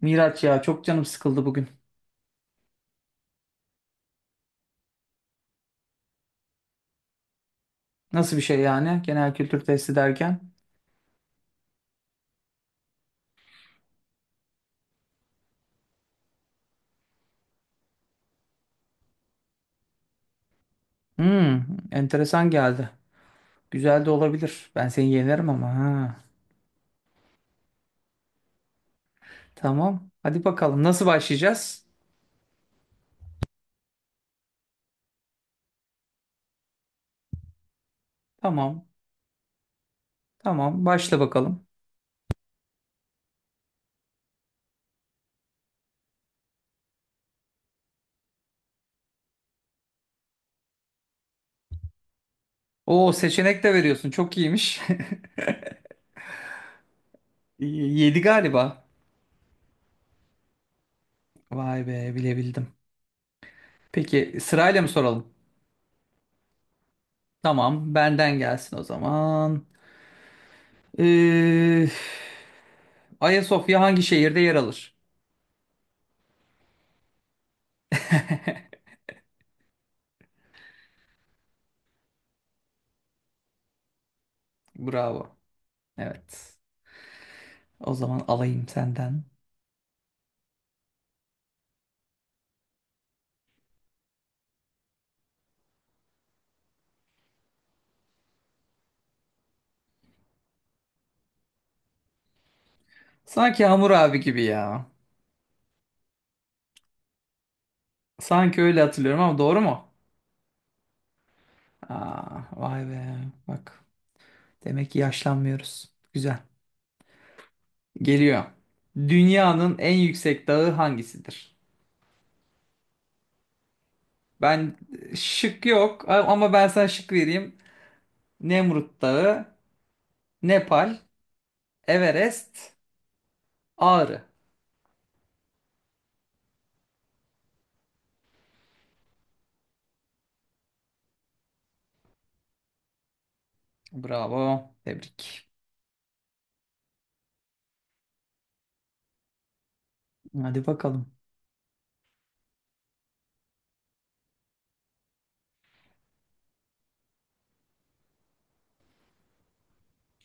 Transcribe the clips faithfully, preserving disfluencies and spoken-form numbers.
Miraç ya, çok canım sıkıldı bugün. Nasıl bir şey yani, genel kültür testi derken? Hmm, enteresan geldi. Güzel de olabilir. Ben seni yenerim ama ha. Tamam. Hadi bakalım, nasıl başlayacağız? Tamam. Tamam, başla bakalım. Oo, seçenek de veriyorsun. Çok iyiymiş. Yedi galiba. Vay be, bilebildim. Peki sırayla mı soralım? Tamam, benden gelsin o zaman. Ee, Ayasofya hangi şehirde yer alır? Bravo. Evet. O zaman alayım senden. Sanki Hamur abi gibi ya. Sanki öyle hatırlıyorum ama doğru mu? Aa, vay be. Bak. Demek ki yaşlanmıyoruz. Güzel. Geliyor. Dünyanın en yüksek dağı hangisidir? Ben şık yok ama ben sana şık vereyim. Nemrut Dağı, Nepal, Everest, Ağrı. Bravo. Tebrik. Hadi bakalım.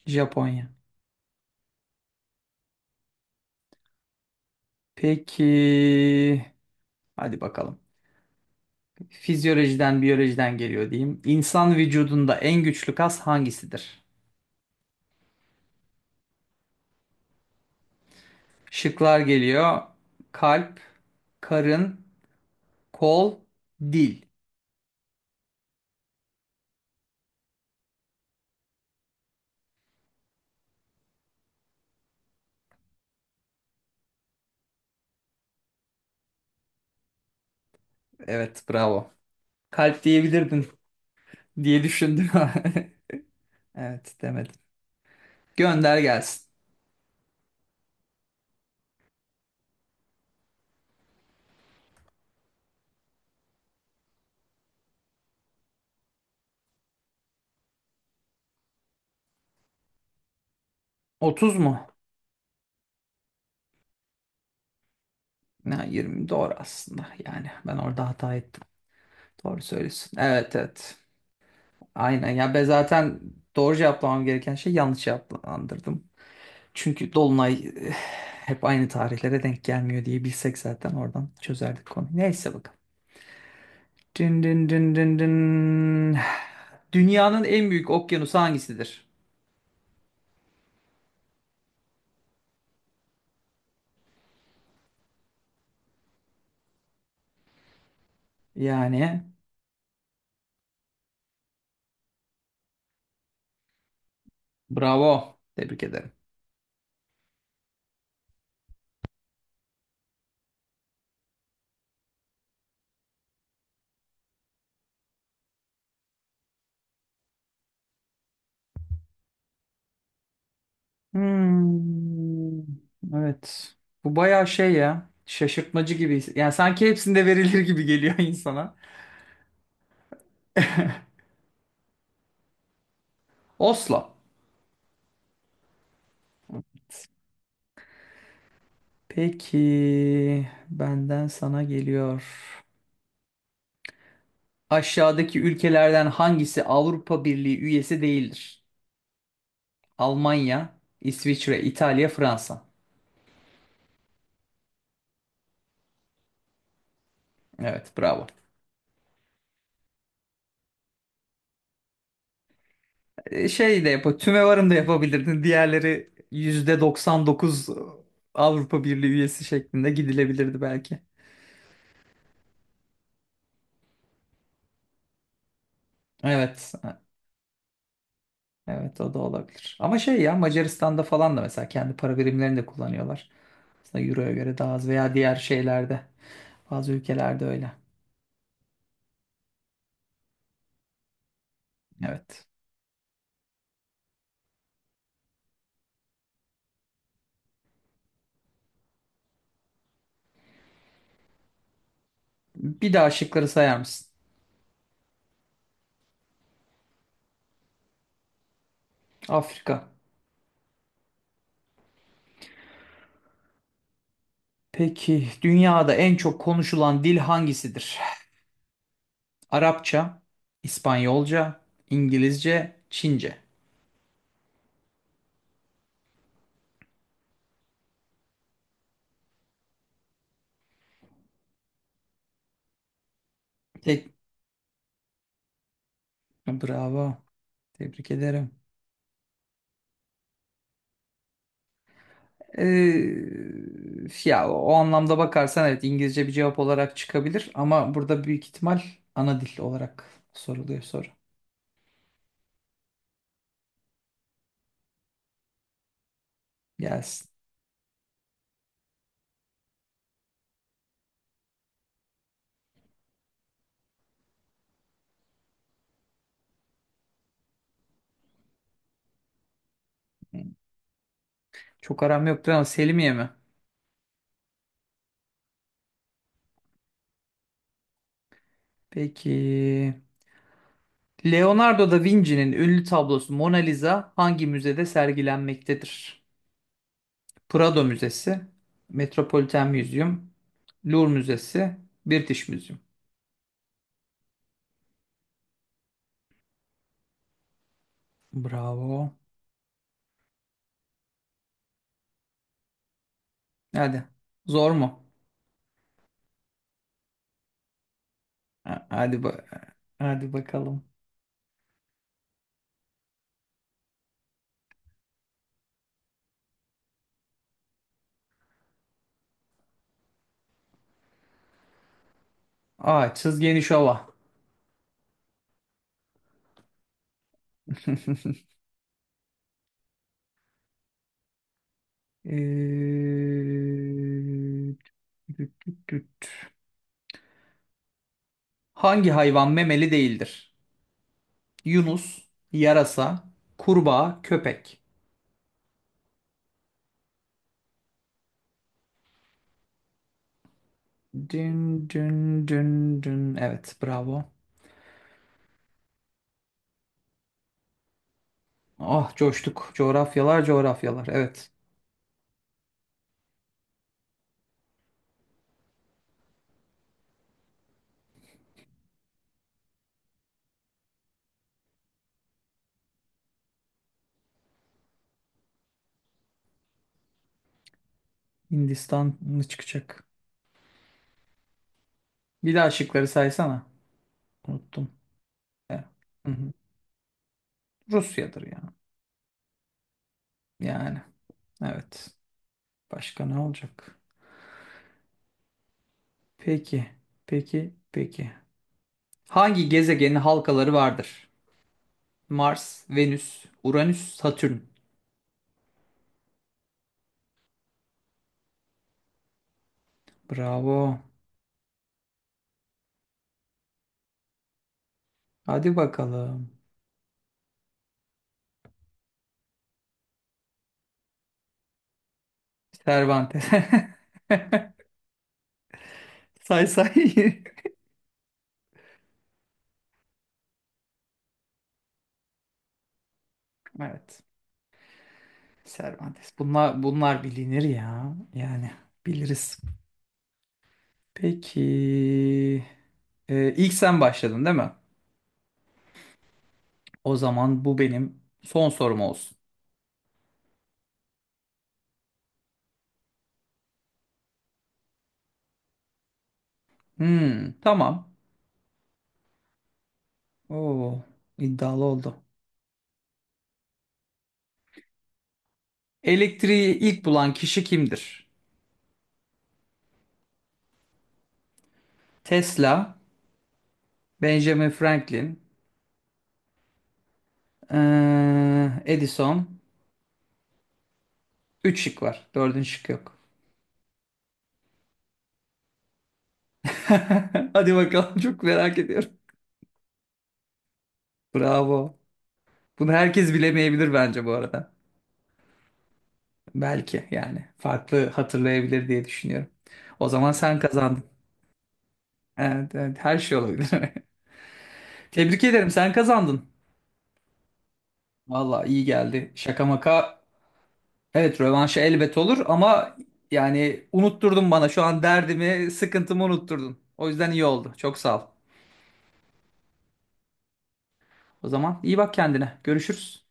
Japonya. Peki. Hadi bakalım. Fizyolojiden, biyolojiden geliyor diyeyim. İnsan vücudunda en güçlü kas hangisidir? Şıklar geliyor. Kalp, karın, kol, dil. Evet, bravo. Kalp diyebilirdin diye düşündüm. Evet, demedim. Gönder gelsin. otuz mu? Ya, yirmi doğru aslında. Yani ben orada hata ettim. Doğru söylüyorsun. Evet, evet. Aynen. Ya ben zaten doğru cevaplamam gereken şey yanlış cevaplandırdım. Çünkü Dolunay eh, hep aynı tarihlere denk gelmiyor diye bilsek zaten oradan çözerdik konuyu. Neyse, bakalım. Dın dın dın dın dın. Dünyanın en büyük okyanusu hangisidir? Yani bravo. Tebrik ederim. Hmm, evet. Bu bayağı şey ya. Şaşırtmacı gibi. Yani sanki hepsinde verilir gibi geliyor insana. Oslo. Peki benden sana geliyor. Aşağıdaki ülkelerden hangisi Avrupa Birliği üyesi değildir? Almanya, İsviçre, İtalya, Fransa. Evet, bravo. Ee, Şey de yap, tümevarım da yapabilirdin. Diğerleri yüzde doksan dokuz Avrupa Birliği üyesi şeklinde gidilebilirdi belki. Evet, e, evet, o da olabilir. Ama şey ya, Macaristan'da falan da mesela kendi para birimlerini de kullanıyorlar. Aslında Euro'ya göre daha az veya diğer şeylerde, bazı ülkelerde öyle. Evet. Bir daha şıkları sayar mısın? Afrika. Peki dünyada en çok konuşulan dil hangisidir? Arapça, İspanyolca, İngilizce, Çince. Tek bravo. Tebrik ederim. Ee, ya o anlamda bakarsan evet, İngilizce bir cevap olarak çıkabilir ama burada büyük ihtimal ana dil olarak soruluyor soru. Gelsin. Çok aram yoktur ama Selimiye mi? Peki. Leonardo da Vinci'nin ünlü tablosu Mona Lisa hangi müzede sergilenmektedir? Prado Müzesi, Metropolitan Museum, Louvre Müzesi, British Museum. Bravo. Hadi. Zor mu? Ha- Hadi ba hadi bakalım. Aa, çiz geniş ova. Ee, tüt tüt tüt. Hangi hayvan memeli değildir? Yunus, yarasa, kurbağa, köpek. Dün dün dün dün. Evet, bravo. Ah, coştuk. Coğrafyalar, coğrafyalar. Evet. Hindistan mı çıkacak? Bir daha şıkları saysana. Unuttum. Ya. Hı hı. Rusya'dır ya. Yani. Evet. Başka ne olacak? Peki. Peki. Peki. Hangi gezegenin halkaları vardır? Mars, Venüs, Uranüs, Satürn. Bravo. Hadi bakalım. Cervantes. Say say. Evet. Cervantes. Bunlar, bunlar bilinir ya. Yani biliriz. Peki. Ee, ilk sen başladın değil mi? O zaman bu benim son sorum olsun. Hmm, tamam. Oo, iddialı oldu. Elektriği ilk bulan kişi kimdir? Tesla, Benjamin Franklin, ee, Edison. Üç şık var. Dördüncü şık yok. Hadi bakalım, çok merak ediyorum. Bravo. Bunu herkes bilemeyebilir bence bu arada. Belki yani farklı hatırlayabilir diye düşünüyorum. O zaman sen kazandın. Evet, evet, her şey olabilir. Tebrik ederim, sen kazandın. Valla iyi geldi. Şaka maka. Evet, rövanşı elbet olur ama yani unutturdun bana şu an derdimi, sıkıntımı unutturdun. O yüzden iyi oldu. Çok sağ ol. O zaman iyi bak kendine. Görüşürüz.